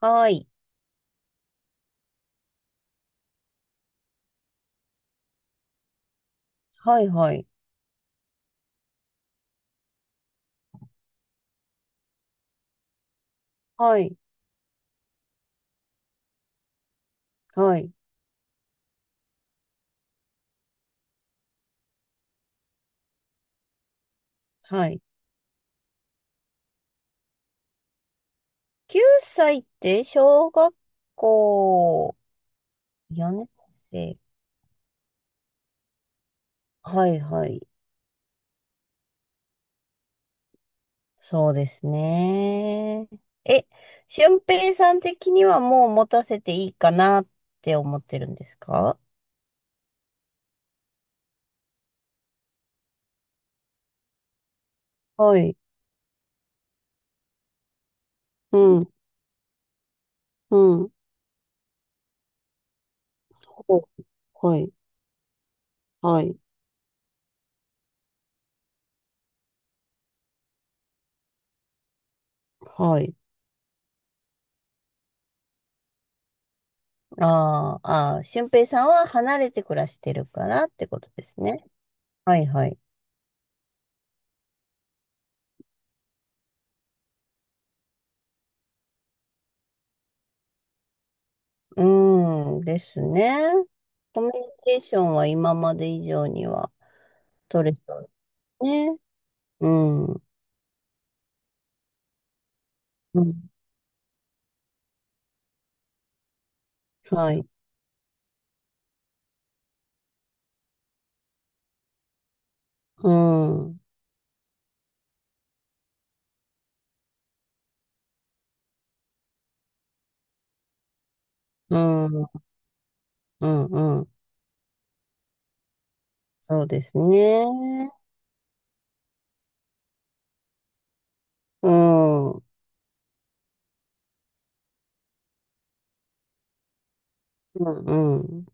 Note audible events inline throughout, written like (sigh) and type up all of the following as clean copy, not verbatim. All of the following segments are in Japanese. はい。はい、はい。はい、はい、はい。9歳って小学校よね年生。はい、はい。そうですね。え、俊平さん的にはもう持たせていいかなって思ってるんですか？はい。うん、うん。こ、はい、はい、はい。あーあー、俊平さんは離れて暮らしてるからってことですね。はい、はい。うんですね。コミュニケーションは今まで以上には取れそうですね。うん。うん。はい。うん。うん。うん。うん。そうですね。うん。うん。うん。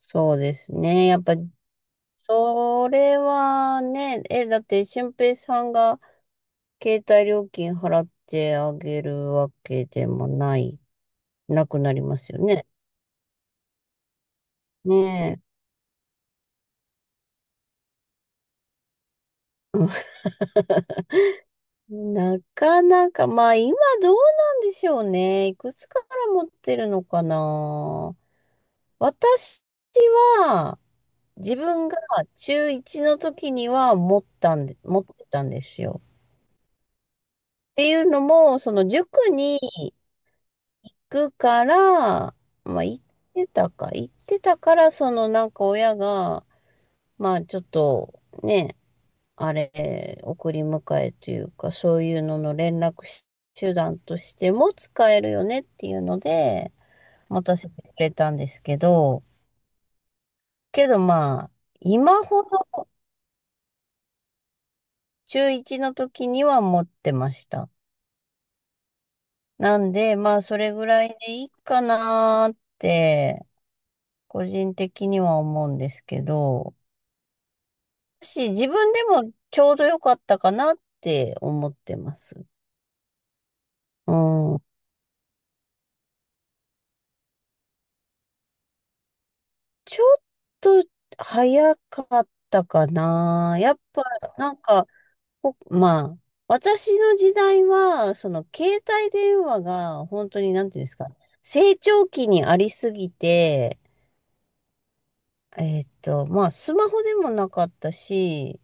そうですね。やっぱり、それはね、だって、俊平さんが携帯料金払ってあげるわけでもない、なくなりますよね。ね、なかなか、まあ今どうなんでしょうね。いくつかから持ってるのかな。私は自分が中1の時には持ったんで、持ってたんですよ。っていうのも、その塾に行くから、まあ行ってたから、そのなんか親が、まあちょっとね、あれ、送り迎えというか、そういうのの連絡手段としても使えるよねっていうので、持たせてくれたんですけど、けどまあ、今ほど中1の時には持ってました。なんで、まあ、それぐらいでいいかなーって、個人的には思うんですけど、自分でもちょうど良かったかなって思ってます。うん。ちょっと早かったかな。やっぱ、なんか、まあ、私の時代は、その携帯電話が本当に、なんていうんですか、成長期にありすぎて、まあ、スマホでもなかったし、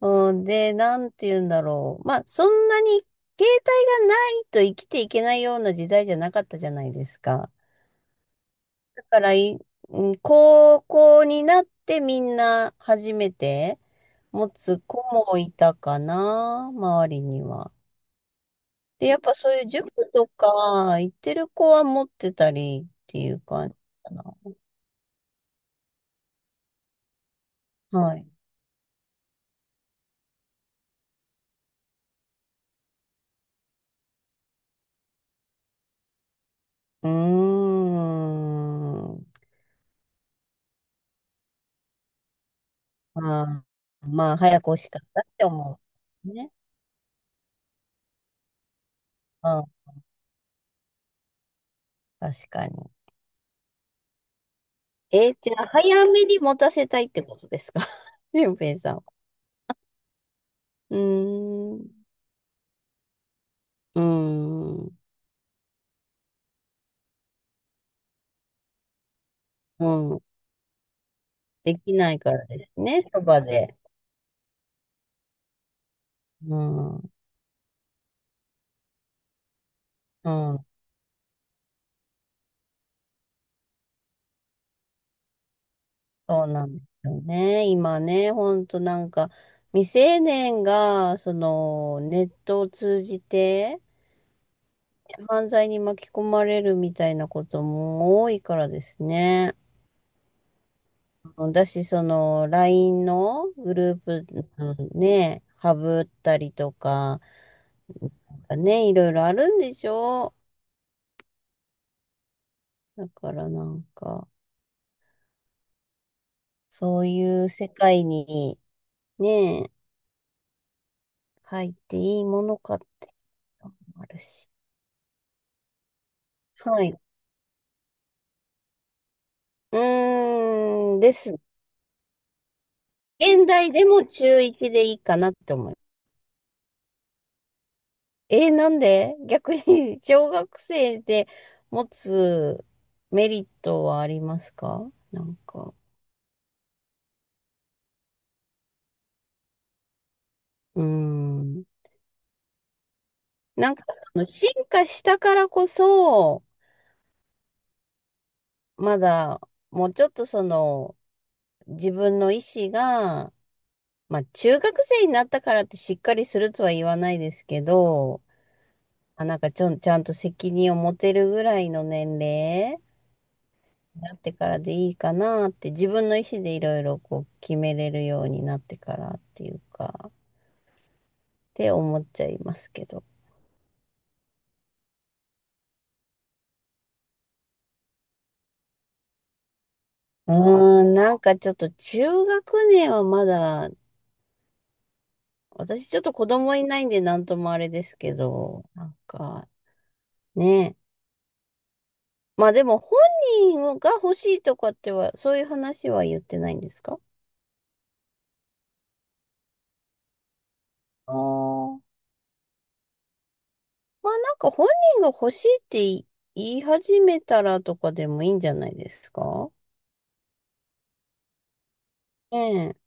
うんで、なんていうんだろう。まあ、そんなに携帯がないと生きていけないような時代じゃなかったじゃないですか。だからうん、高校になってみんな初めて、持つ子もいたかな、周りには。で、やっぱそういう塾とか行ってる子は持ってたりっていう感じかな。はい。うーん。まあ、まあ、早く欲しかったって思う。ね。うん、確かに。えーじゃあ、早めに持たせたいってことですか？ (laughs) 俊平さんは。うーん。うーん。うん。できないからですね、そばで。うん。うん。そうなんですよね。今ね、ほんとなんか、未成年が、その、ネットを通じて、犯罪に巻き込まれるみたいなことも多いからですね。だし、その、LINE のグループ、うんね、ハブったりとか、ね、いろいろあるんでしょ？だからなんか、そういう世界に、ね、入っていいものかって、あるし。はい。うーん、です。現代でも中1でいいかなって思う。えーなんで逆に (laughs) 小学生で持つメリットはありますか？なんか、うーん。なんかその進化したからこそ、まだもうちょっとその自分の意思が、まあ中学生になったからってしっかりするとは言わないですけど、あ、なんかちゃんと責任を持てるぐらいの年齢なってからでいいかなって、自分の意思でいろいろこう決めれるようになってからっていうかって思っちゃいますけど。うーん、なんかちょっと中学年はまだ、私ちょっと子供いないんでなんともあれですけど、なんかね。まあでも本人が欲しいとかってはそういう話は言ってないんですか？ああー。まあなんか本人が欲しいって言い始めたらとかでもいいんじゃないですか？ええ。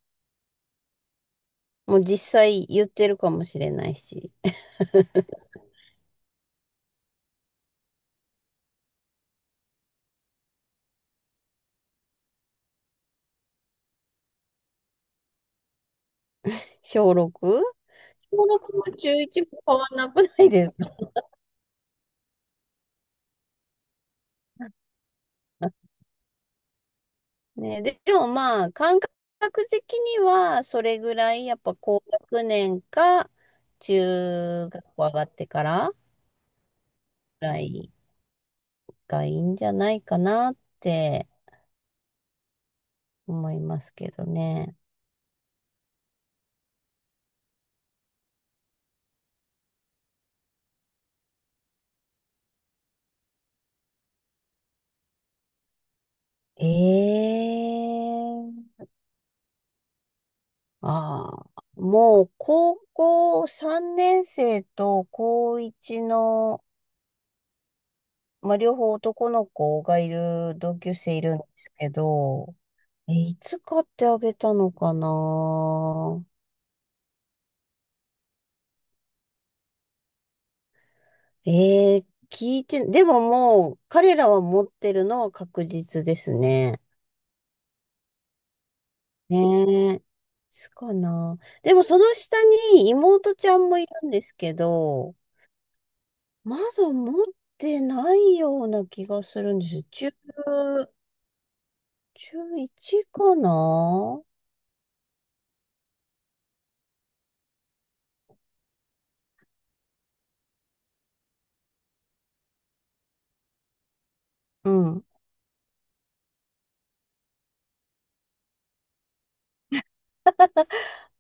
もう実際言ってるかもしれないし。小 6？ 小6も中1も変わんなくないですか？ (laughs) ね、で、でもまあ、感覚的には、それぐらい、やっぱ高学年か、中学校上がってからぐらいがいいんじゃないかなって思いますけどね。ええ、ああ、もう高校3年生と高1の、まあ、両方男の子がいる同級生いるんですけど、え、いつ買ってあげたのかな？えー聞いて、でももう、彼らは持ってるのは確実ですね。ねえ。すかな。でもその下に妹ちゃんもいるんですけど、まだ持ってないような気がするんです。中1かな。うん。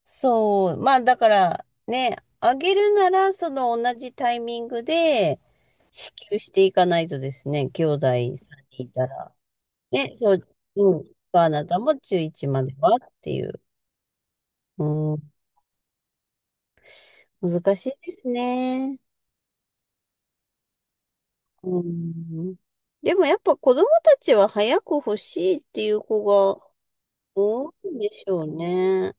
そう、まあだからね、あげるならその同じタイミングで支給していかないとですね、兄弟さんにいたら。ね、そう、うん、あなたも中1まではっていう。うん、難しいですね。うん、でもやっぱ子供たちは早く欲しいっていう子が多いんでしょうね。